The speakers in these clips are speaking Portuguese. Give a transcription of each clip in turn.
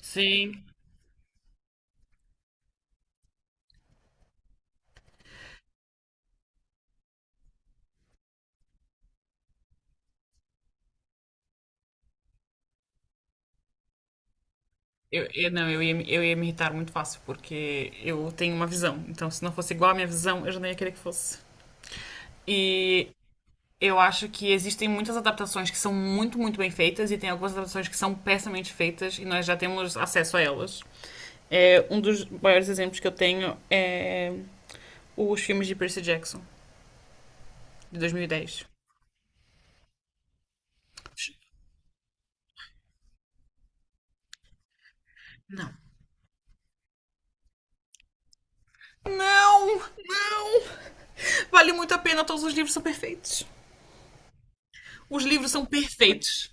Sim, eu- não, eu ia me irritar muito fácil, porque eu tenho uma visão. Então, se não fosse igual à minha visão, eu já não ia querer que fosse. E eu acho que existem muitas adaptações que são muito, muito bem feitas, e tem algumas adaptações que são pessimamente feitas, e nós já temos acesso a elas. É, um dos maiores exemplos que eu tenho é os filmes de Percy Jackson, de 2010. Não. Não! Não! Vale muito a pena, todos os livros são perfeitos. Os livros são perfeitos.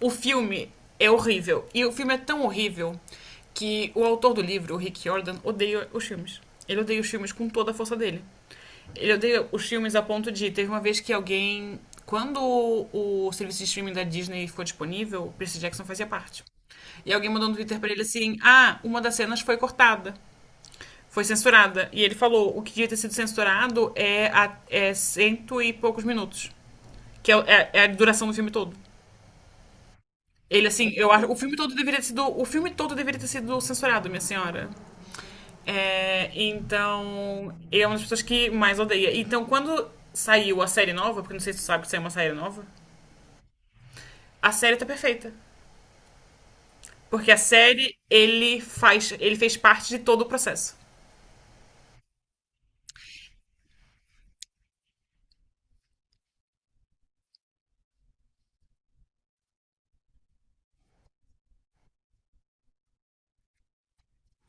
O filme é horrível. E o filme é tão horrível que o autor do livro, o Rick Jordan, odeia os filmes. Ele odeia os filmes com toda a força dele. Ele odeia os filmes a ponto de. Teve uma vez que alguém. Quando o serviço de streaming da Disney ficou disponível, o Percy Jackson fazia parte. E alguém mandou no Twitter pra ele assim: Ah, uma das cenas foi cortada. Foi censurada. E ele falou: o que devia ter sido censurado é, a, é cento e poucos minutos. Que é, é- é a duração do filme todo. Ele, assim, eu acho. O filme todo deveria ter sido. O filme todo deveria ter sido censurado, minha senhora. É, então. Ele é uma das pessoas que mais odeia. Então, quando saiu a série nova, porque não sei se tu sabe que saiu uma série nova, a série tá perfeita. Porque a série, ele faz. Ele fez parte de todo o processo.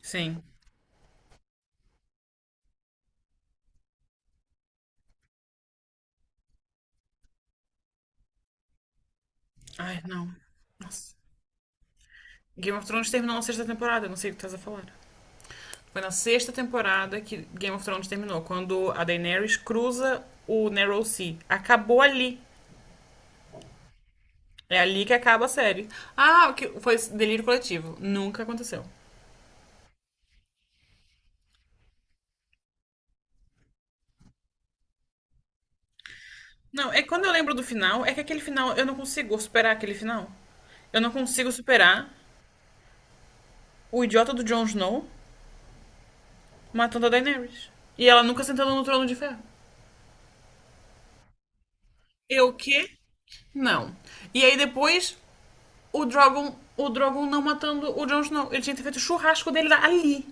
Sim. Ai, não. Nossa. Game of Thrones terminou na sexta temporada, eu não sei o que tu estás a falar. Foi na sexta temporada que Game of Thrones terminou, quando a Daenerys cruza o Narrow Sea. Acabou ali. É ali que acaba a série. Ah, que foi delírio coletivo. Nunca aconteceu. Não, é que quando eu lembro do final, é que aquele final, eu não consigo superar aquele final. Eu não consigo superar o idiota do Jon Snow matando a Daenerys. E ela nunca sentando no trono de ferro. Eu o quê? Não. E aí depois, o Drogon não matando o Jon Snow. Ele tinha que ter feito o churrasco dele lá- ali.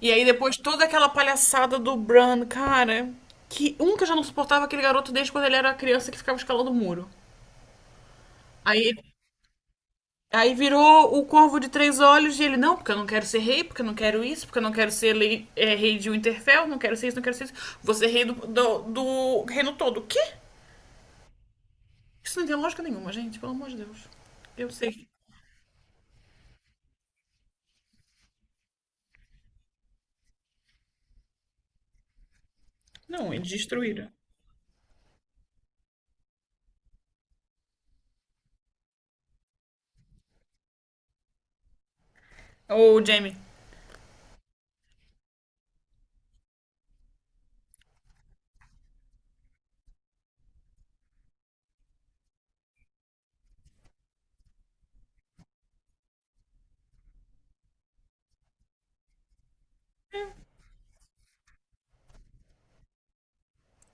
E aí depois toda aquela palhaçada do Bran, cara. Que um que eu já não suportava aquele garoto desde quando ele era criança que ficava escalando o muro. Aí, aí virou o Corvo de Três Olhos e ele, não, porque eu não quero ser rei, porque eu não quero isso, porque eu não quero ser lei- é, rei de Winterfell, não quero ser isso, não quero ser isso. Vou ser rei do reino todo. O quê? Isso não tem lógica nenhuma, gente, pelo amor de Deus. Eu sei. Não, eles destruíram. Ô, Jamie.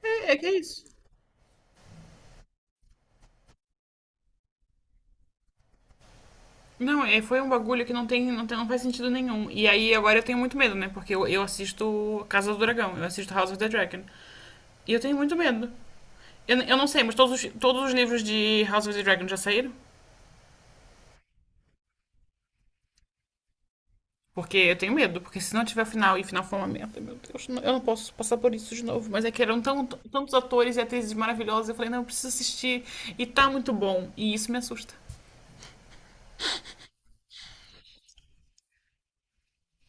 É, é que é isso. Não, é, foi um bagulho que não tem, não tem, não faz sentido nenhum. E aí agora eu tenho muito medo, né? Porque eu assisto Casa do Dragão, eu assisto House of the Dragon. E eu tenho muito medo. Eu não sei, mas todos os livros de House of the Dragon já saíram? Porque eu tenho medo, porque se não tiver final e final for uma merda, meu Deus, eu não posso passar por isso de novo. Mas é que eram tão- tantos atores e atrizes maravilhosos, eu falei, não, eu preciso assistir. E tá muito bom. E isso me assusta.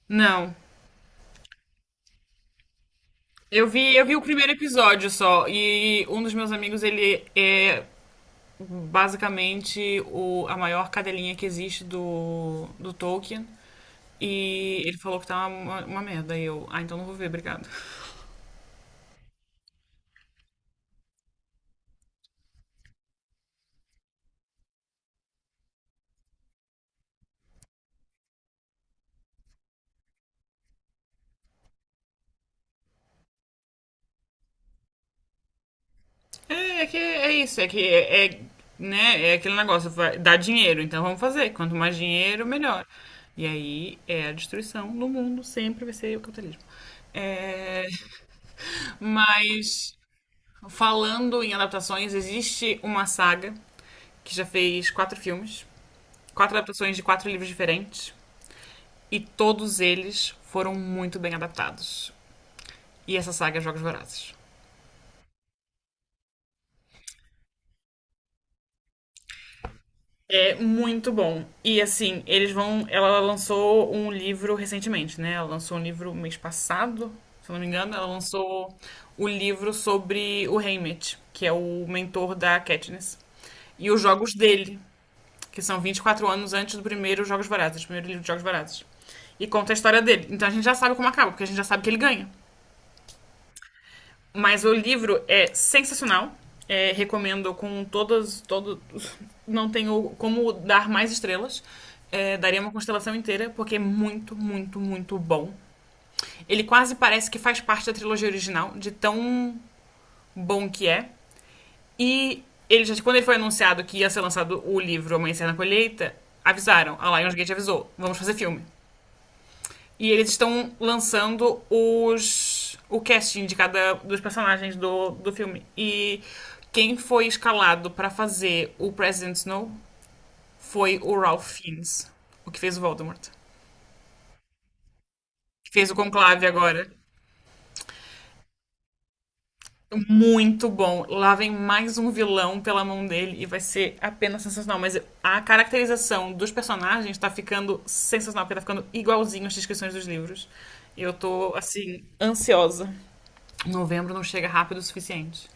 Não. Eu vi o primeiro episódio só, e um dos meus amigos, ele é basicamente o, a maior cadelinha que existe do Tolkien. E ele falou que tá uma merda. E eu, ah, então não vou ver, obrigado. É, é que é isso, é que é, é, né, é aquele negócio, vai- dá dinheiro, então vamos fazer. Quanto mais dinheiro, melhor. E aí é a destruição no mundo, sempre vai ser o capitalismo. É, Mas falando em adaptações, existe uma saga que já fez quatro filmes, quatro adaptações de quatro livros diferentes, e todos eles foram muito bem adaptados. E essa saga é Jogos Vorazes. É muito bom. E assim, eles vão. Ela lançou um livro recentemente, né? Ela lançou um livro mês passado, se eu não me engano. Ela lançou o livro sobre o Haymitch, que é o mentor da Katniss. E os jogos dele, que são 24 anos antes do primeiro Jogos Vorazes, primeiro livro de Jogos Vorazes. E conta a história dele. Então a gente já sabe como acaba, porque a gente já sabe que ele ganha. Mas o livro é sensacional. É, recomendo com todas. Todo, não tenho como dar mais estrelas. É, daria uma constelação inteira, porque é muito, muito, muito bom. Ele quase parece que faz parte da trilogia original, de tão bom que é. E ele já, quando ele foi anunciado que ia ser lançado o livro Amanhecer na Colheita, avisaram. A Lionsgate avisou: vamos fazer filme. E eles estão lançando os o casting de cada dos personagens do filme. E quem foi escalado pra fazer o President Snow foi o Ralph Fiennes, o que fez o Voldemort. Que fez o Conclave agora. Muito bom. Lá vem mais um vilão pela mão dele e vai ser apenas sensacional. Mas a caracterização dos personagens tá ficando sensacional, porque tá ficando igualzinho as descrições dos livros. Eu tô, assim, ansiosa. Novembro não chega rápido o suficiente.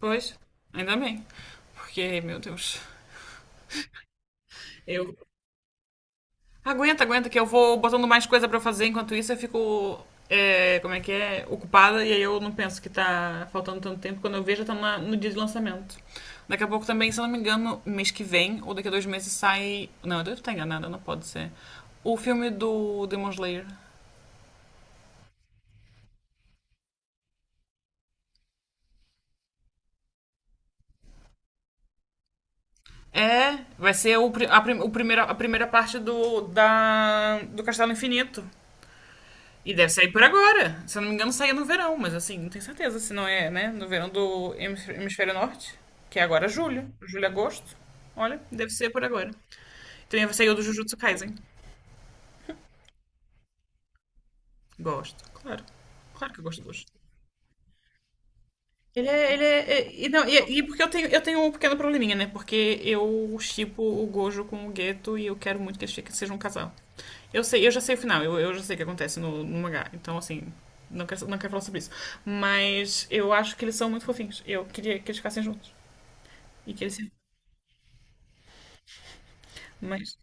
Pois, ainda bem. Porque, meu Deus. Eu. Aguenta, aguenta, que eu vou botando mais coisa pra fazer enquanto isso eu fico. É, como é que é? Ocupada e aí eu não penso que tá faltando tanto tempo. Quando eu vejo, já tá na- no dia de lançamento. Daqui a pouco também, se eu não me engano, mês que vem ou daqui a dois meses sai. Não, eu devo estar enganada, não pode ser. O filme do Demon Slayer. É, vai ser o, pri- a, prim- o primeira, a primeira parte do, da, do Castelo Infinito. E deve sair por agora. Se eu não me engano, saía no verão, mas assim, não tenho certeza se não é, né? No verão do hemis- hemisfério norte, que é agora julho, julho, agosto. Olha, deve ser por agora. Também saiu do Jujutsu Kaisen. Gosto, claro. Claro que eu gosto do Jujutsu. Ele é. Ele é, é- e, não, e porque eu tenho um pequeno probleminha, né? Porque eu shippo o Gojo com o Geto e eu quero muito que eles fiquem- sejam um casal. Eu sei, eu já sei o final, eu já sei o que acontece no, no mangá. Então, assim, não quero falar sobre isso. Mas eu acho que eles são muito fofinhos. Eu queria que eles ficassem juntos. E que eles se. Mas.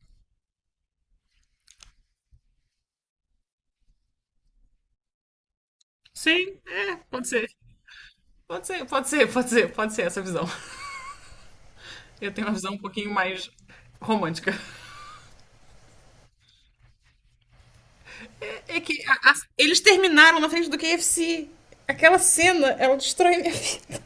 Sim, é, pode ser. Pode ser, pode ser, pode ser, pode ser essa visão. Eu tenho uma visão um pouquinho mais romântica. É que a- eles terminaram na frente do KFC. Aquela cena, ela destrói minha vida.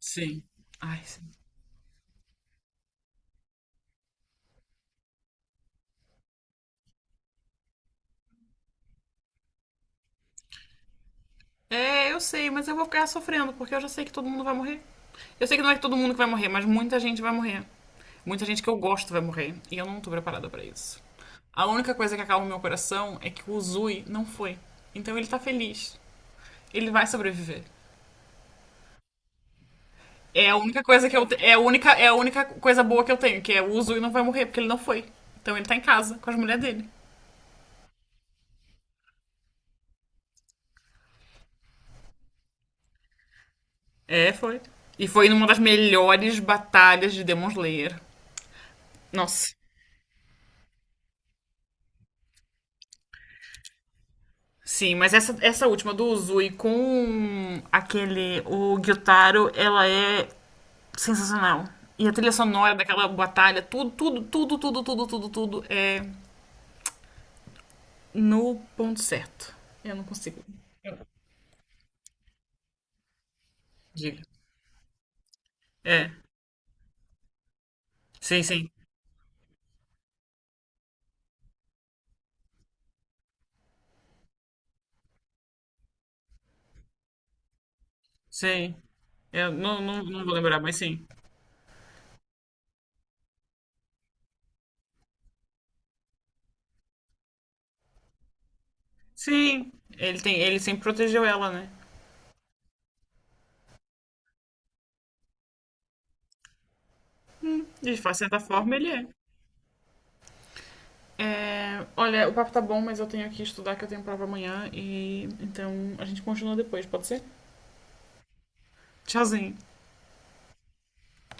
Sim. Ai, sim. É, eu sei, mas eu vou ficar sofrendo, porque eu já sei que todo mundo vai morrer. Eu sei que não é que todo mundo que vai morrer, mas muita gente vai morrer. Muita gente que eu gosto vai morrer. E eu não tô preparada pra isso. A única coisa que acalma o meu coração é que o Uzui não foi. Então ele tá feliz. Ele vai sobreviver. É a única coisa que eu te- é a única coisa boa que eu tenho, que é o Uzui não vai morrer porque ele não foi. Então ele tá em casa com as mulheres dele. É, foi. E foi numa das melhores batalhas de Demon Slayer. Nossa. Sim, mas essa última do Uzui com aquele, o Gyutaro, ela é sensacional. E a trilha sonora daquela batalha, tudo, tudo, tudo, tudo, tudo, tudo, tudo é no ponto certo. Eu não consigo. Eu- Diga. É. Sim, sim. Sim. Eu não, não vou lembrar, mas sim. Sim. Ele tem, ele sempre protegeu ela, né? De certa forma, ele é. É, olha, o papo tá bom, mas eu tenho que estudar que eu tenho prova amanhã e então a gente continua depois, pode ser? Tchauzinho.